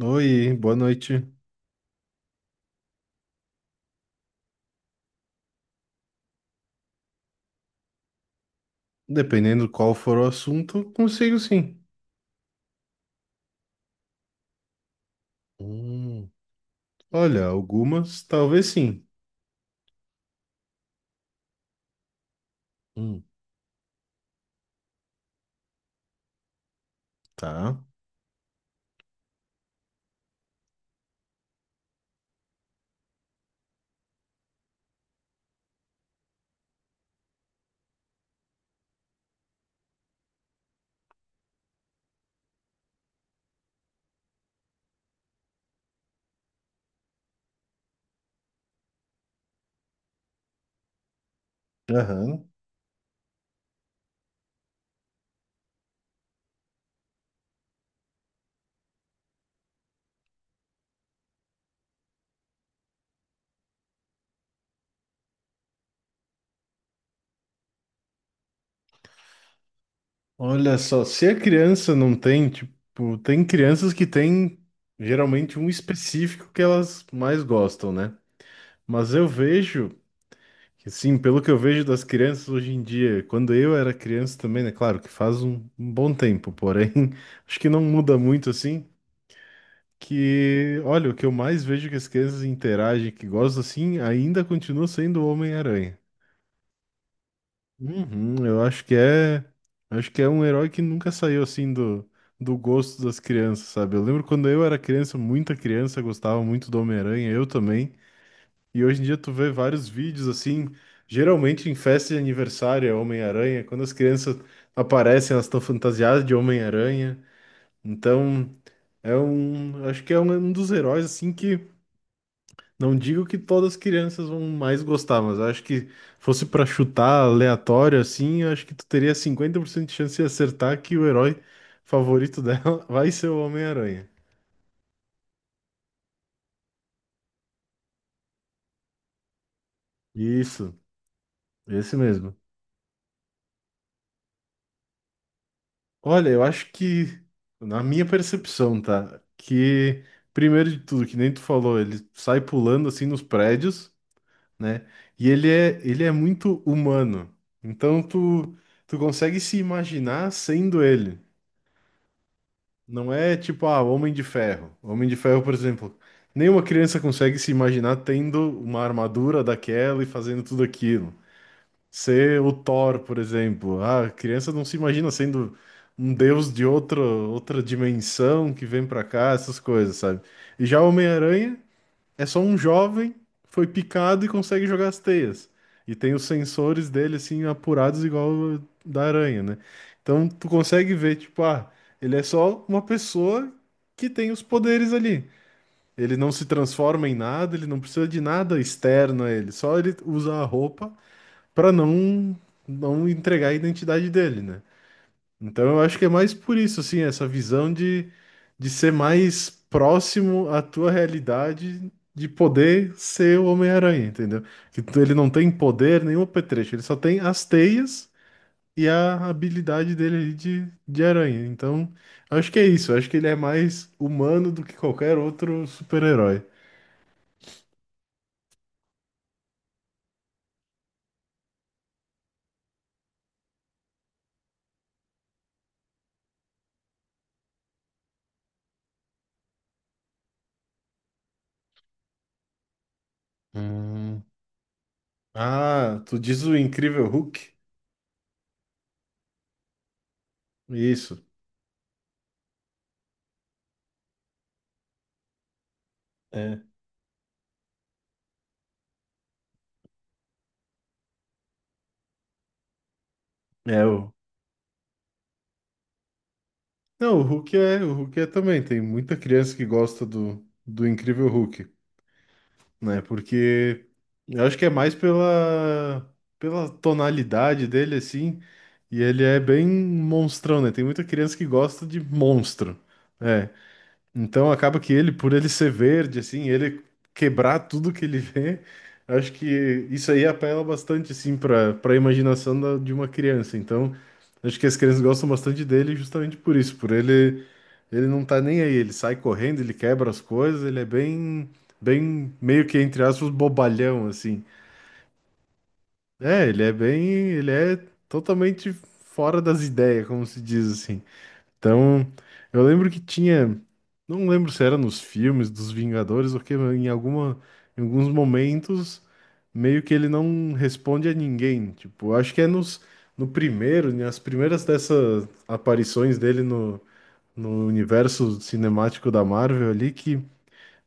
Oi, boa noite. Dependendo qual for o assunto, consigo sim. Hum, Olha, algumas talvez sim. Hum, tá. Aham. Olha só, se a criança não tem, tipo, tem crianças que têm geralmente um específico que elas mais gostam, né? Mas eu vejo, que, assim, pelo que eu vejo das crianças hoje em dia, quando eu era criança também, né? Claro que faz um bom tempo, porém, acho que não muda muito assim. Que, olha, o que eu mais vejo que as crianças interagem, que gostam assim, ainda continua sendo o Homem-Aranha. Uhum, eu acho que é um herói que nunca saiu assim do gosto das crianças, sabe? Eu lembro quando eu era criança, muita criança gostava muito do Homem-Aranha, eu também. E hoje em dia tu vê vários vídeos assim, geralmente em festa de aniversário é Homem-Aranha, quando as crianças aparecem, elas estão fantasiadas de Homem-Aranha. Então, é um, acho que é um dos heróis assim que não digo que todas as crianças vão mais gostar, mas eu acho que fosse pra chutar aleatório assim, eu acho que tu teria 50% de chance de acertar que o herói favorito dela vai ser o Homem-Aranha. Isso, esse mesmo. Olha, eu acho que, na minha percepção, tá? Que, primeiro de tudo, que nem tu falou, ele sai pulando assim nos prédios, né? E ele é muito humano. Então tu consegue se imaginar sendo ele. Não é tipo, ah, Homem de Ferro. Homem de Ferro, por exemplo, nenhuma criança consegue se imaginar tendo uma armadura daquela e fazendo tudo aquilo. Ser o Thor, por exemplo. Ah, a criança não se imagina sendo um deus de outra dimensão que vem pra cá, essas coisas, sabe? E já o Homem-Aranha. É só um jovem, que foi picado e consegue jogar as teias. E tem os sensores dele, assim, apurados igual o da aranha, né? Então tu consegue ver, tipo, ah, ele é só uma pessoa que tem os poderes ali. Ele não se transforma em nada, ele não precisa de nada externo a ele. Só ele usa a roupa pra não, não entregar a identidade dele, né? Então eu acho que é mais por isso, assim, essa visão de, ser mais próximo à tua realidade, de poder ser o Homem-Aranha, entendeu? Que tu- ele não tem poder nenhum apetrecho, ele só tem as teias e a habilidade dele ali de aranha. Então, eu acho que é isso, eu acho que ele é mais humano do que qualquer outro super-herói. Hum. Ah, tu diz o Incrível Hulk? Isso. É. É o Não, o Hulk é também. Tem muita criança que gosta do, Incrível Hulk, né? Porque eu acho que é mais pela tonalidade dele, assim. E ele é bem monstrão, né? Tem muita criança que gosta de monstro. É, então acaba que ele, por ele ser verde, assim, ele quebrar tudo que ele vê, acho que isso aí apela bastante, assim, para a imaginação da- de uma criança. Então acho que as crianças gostam bastante dele justamente por isso, por ele não tá nem aí, ele sai correndo, ele quebra as coisas, ele é bem bem meio que entre aspas bobalhão assim. É, ele é totalmente fora das ideias, como se diz assim. Então, eu lembro que tinha, não lembro se era nos filmes dos Vingadores ou que em alguma, em alguns momentos meio que ele não responde a ninguém. Tipo, acho que é nos no primeiro, nas primeiras dessas aparições dele no no universo cinemático da Marvel ali que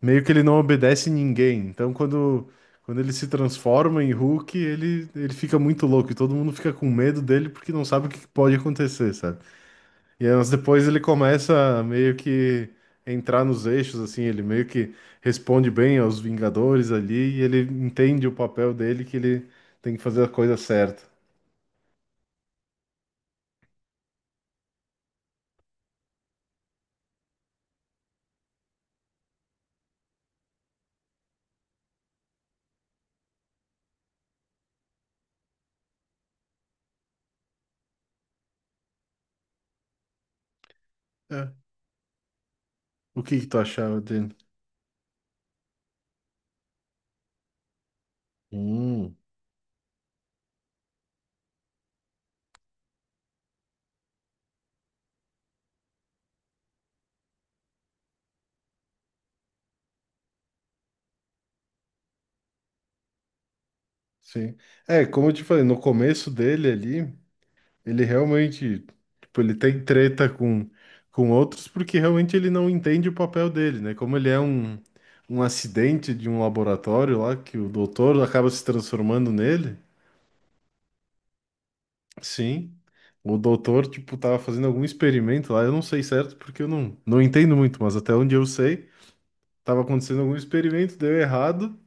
meio que ele não obedece ninguém. Então, quando ele se transforma em Hulk, ele fica muito louco e todo mundo fica com medo dele porque não sabe o que que pode acontecer, sabe? E anos depois ele começa a meio que entrar nos eixos, assim, ele meio que responde bem aos Vingadores ali e ele entende o papel dele que ele tem que fazer a coisa certa. É. O que que tu achava dele? Hum, sim. É, como eu te falei, no começo dele ali, ele realmente, tipo, ele tem treta com, outros porque realmente ele não entende o papel dele, né? Como ele é um acidente de um laboratório lá, que o doutor acaba se transformando nele. Sim. O doutor, tipo, tava fazendo algum experimento lá, eu não sei certo, porque eu não entendo muito, mas até onde eu sei, tava acontecendo algum experimento, deu errado,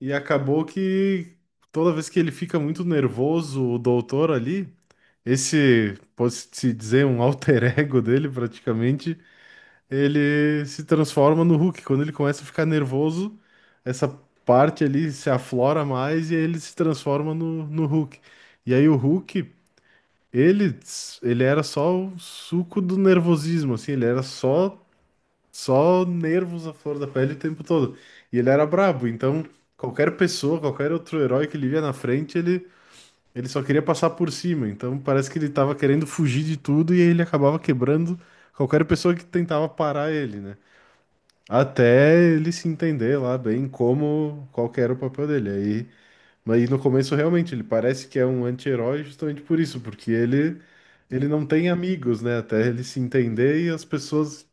e acabou que toda vez que ele fica muito nervoso, o doutor ali, esse, pode-se dizer, um alter ego dele praticamente, ele se transforma no Hulk. Quando ele começa a ficar nervoso, essa parte ali se aflora mais e ele se transforma no, no Hulk. E aí o Hulk. Ele, ele era só o suco do nervosismo, assim, ele era só nervos à flor da pele o tempo todo. E ele era brabo, então qualquer pessoa, qualquer outro herói que ele via na frente, ele só queria passar por cima. Então parece que ele tava querendo fugir de tudo e aí ele acabava quebrando qualquer pessoa que tentava parar ele, né? Até ele se entender lá bem como qual que era o papel dele. Aí mas no começo, realmente, ele parece que é um anti-herói justamente por isso, porque ele não tem amigos, né? Até ele se entender e as pessoas.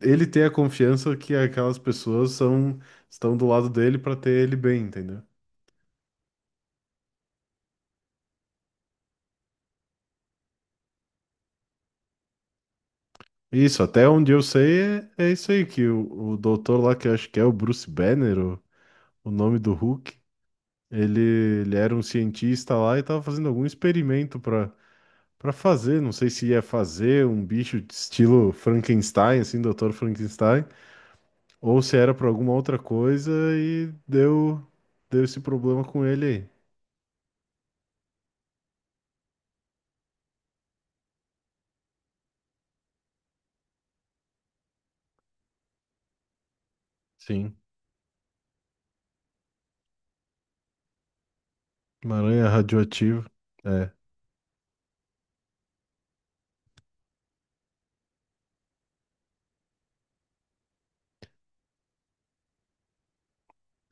Ele tem a confiança que aquelas pessoas são, estão do lado dele para ter ele bem, entendeu? Isso, até onde eu sei é, isso aí, que o doutor lá, que eu acho que é o Bruce Banner, o nome do Hulk, ele, ele era um cientista lá e estava fazendo algum experimento para fazer, não sei se ia fazer um bicho de estilo Frankenstein, assim, doutor Frankenstein, ou se era por alguma outra coisa e deu esse problema com ele aí. Sim, uma aranha radioativa. É.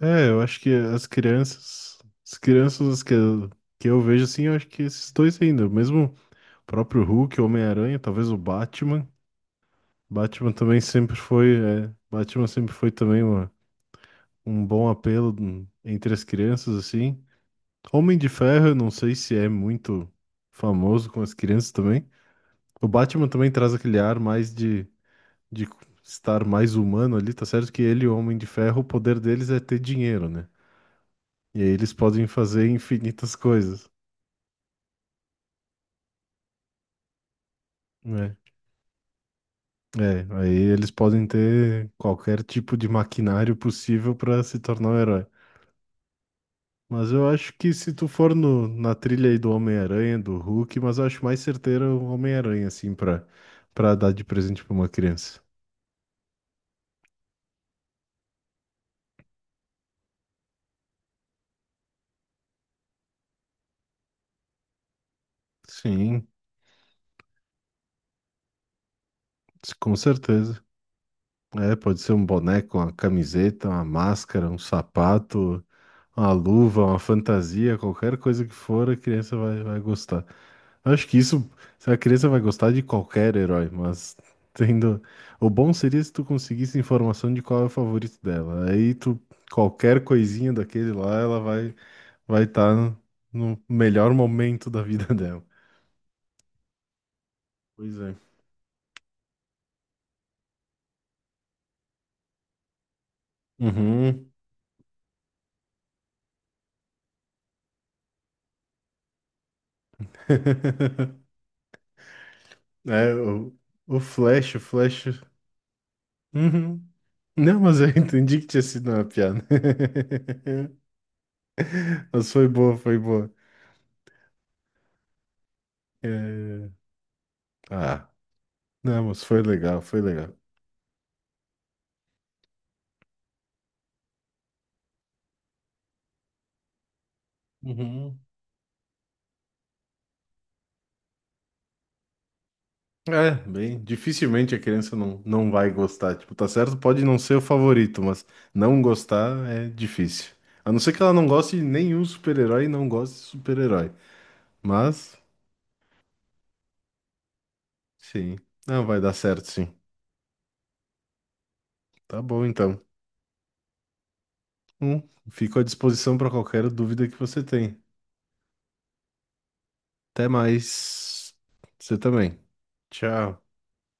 É, eu acho que as crianças que eu, vejo assim, eu acho que esses dois ainda, mesmo o próprio Hulk, Homem-Aranha, talvez o Batman. Batman também sempre foi, é, Batman sempre foi também uma, um bom apelo entre as crianças assim. Homem de Ferro, eu não sei se é muito famoso com as crianças também. O Batman também traz aquele ar mais de estar mais humano ali, tá certo que ele e o Homem de Ferro, o poder deles é ter dinheiro, né? E aí eles podem fazer infinitas coisas, né? É, aí eles podem ter qualquer tipo de maquinário possível para se tornar um herói. Mas eu acho que se tu for no, na trilha aí do Homem-Aranha, do Hulk, mas eu acho mais certeiro o Homem-Aranha, assim, pra dar de presente pra uma criança. Sim, com certeza. É, pode ser um boneco, uma camiseta, uma máscara, um sapato, uma luva, uma fantasia, qualquer coisa que for, a criança vai gostar. Acho que isso, a criança vai gostar de qualquer herói, mas tendo. O bom seria se tu conseguisse informação de qual é o favorito dela. Aí tu, qualquer coisinha daquele lá, ela vai estar no melhor momento da vida dela. Pois é. Uhum. É, o Flash, o Flash. Uhum. Não, mas eu entendi que tinha sido uma piada. Mas foi boa, foi boa. É, ah, não, mas foi legal, foi legal. Uhum. É, bem, dificilmente a criança não vai gostar. Tipo, tá certo, pode não ser o favorito, mas não gostar é difícil. A não ser que ela não goste de nenhum super-herói e não goste de super-herói. Mas, sim, não vai dar certo, sim. Tá bom, então. Hum, Fico à disposição para qualquer dúvida que você tenha. Até mais. Você também. Tchau.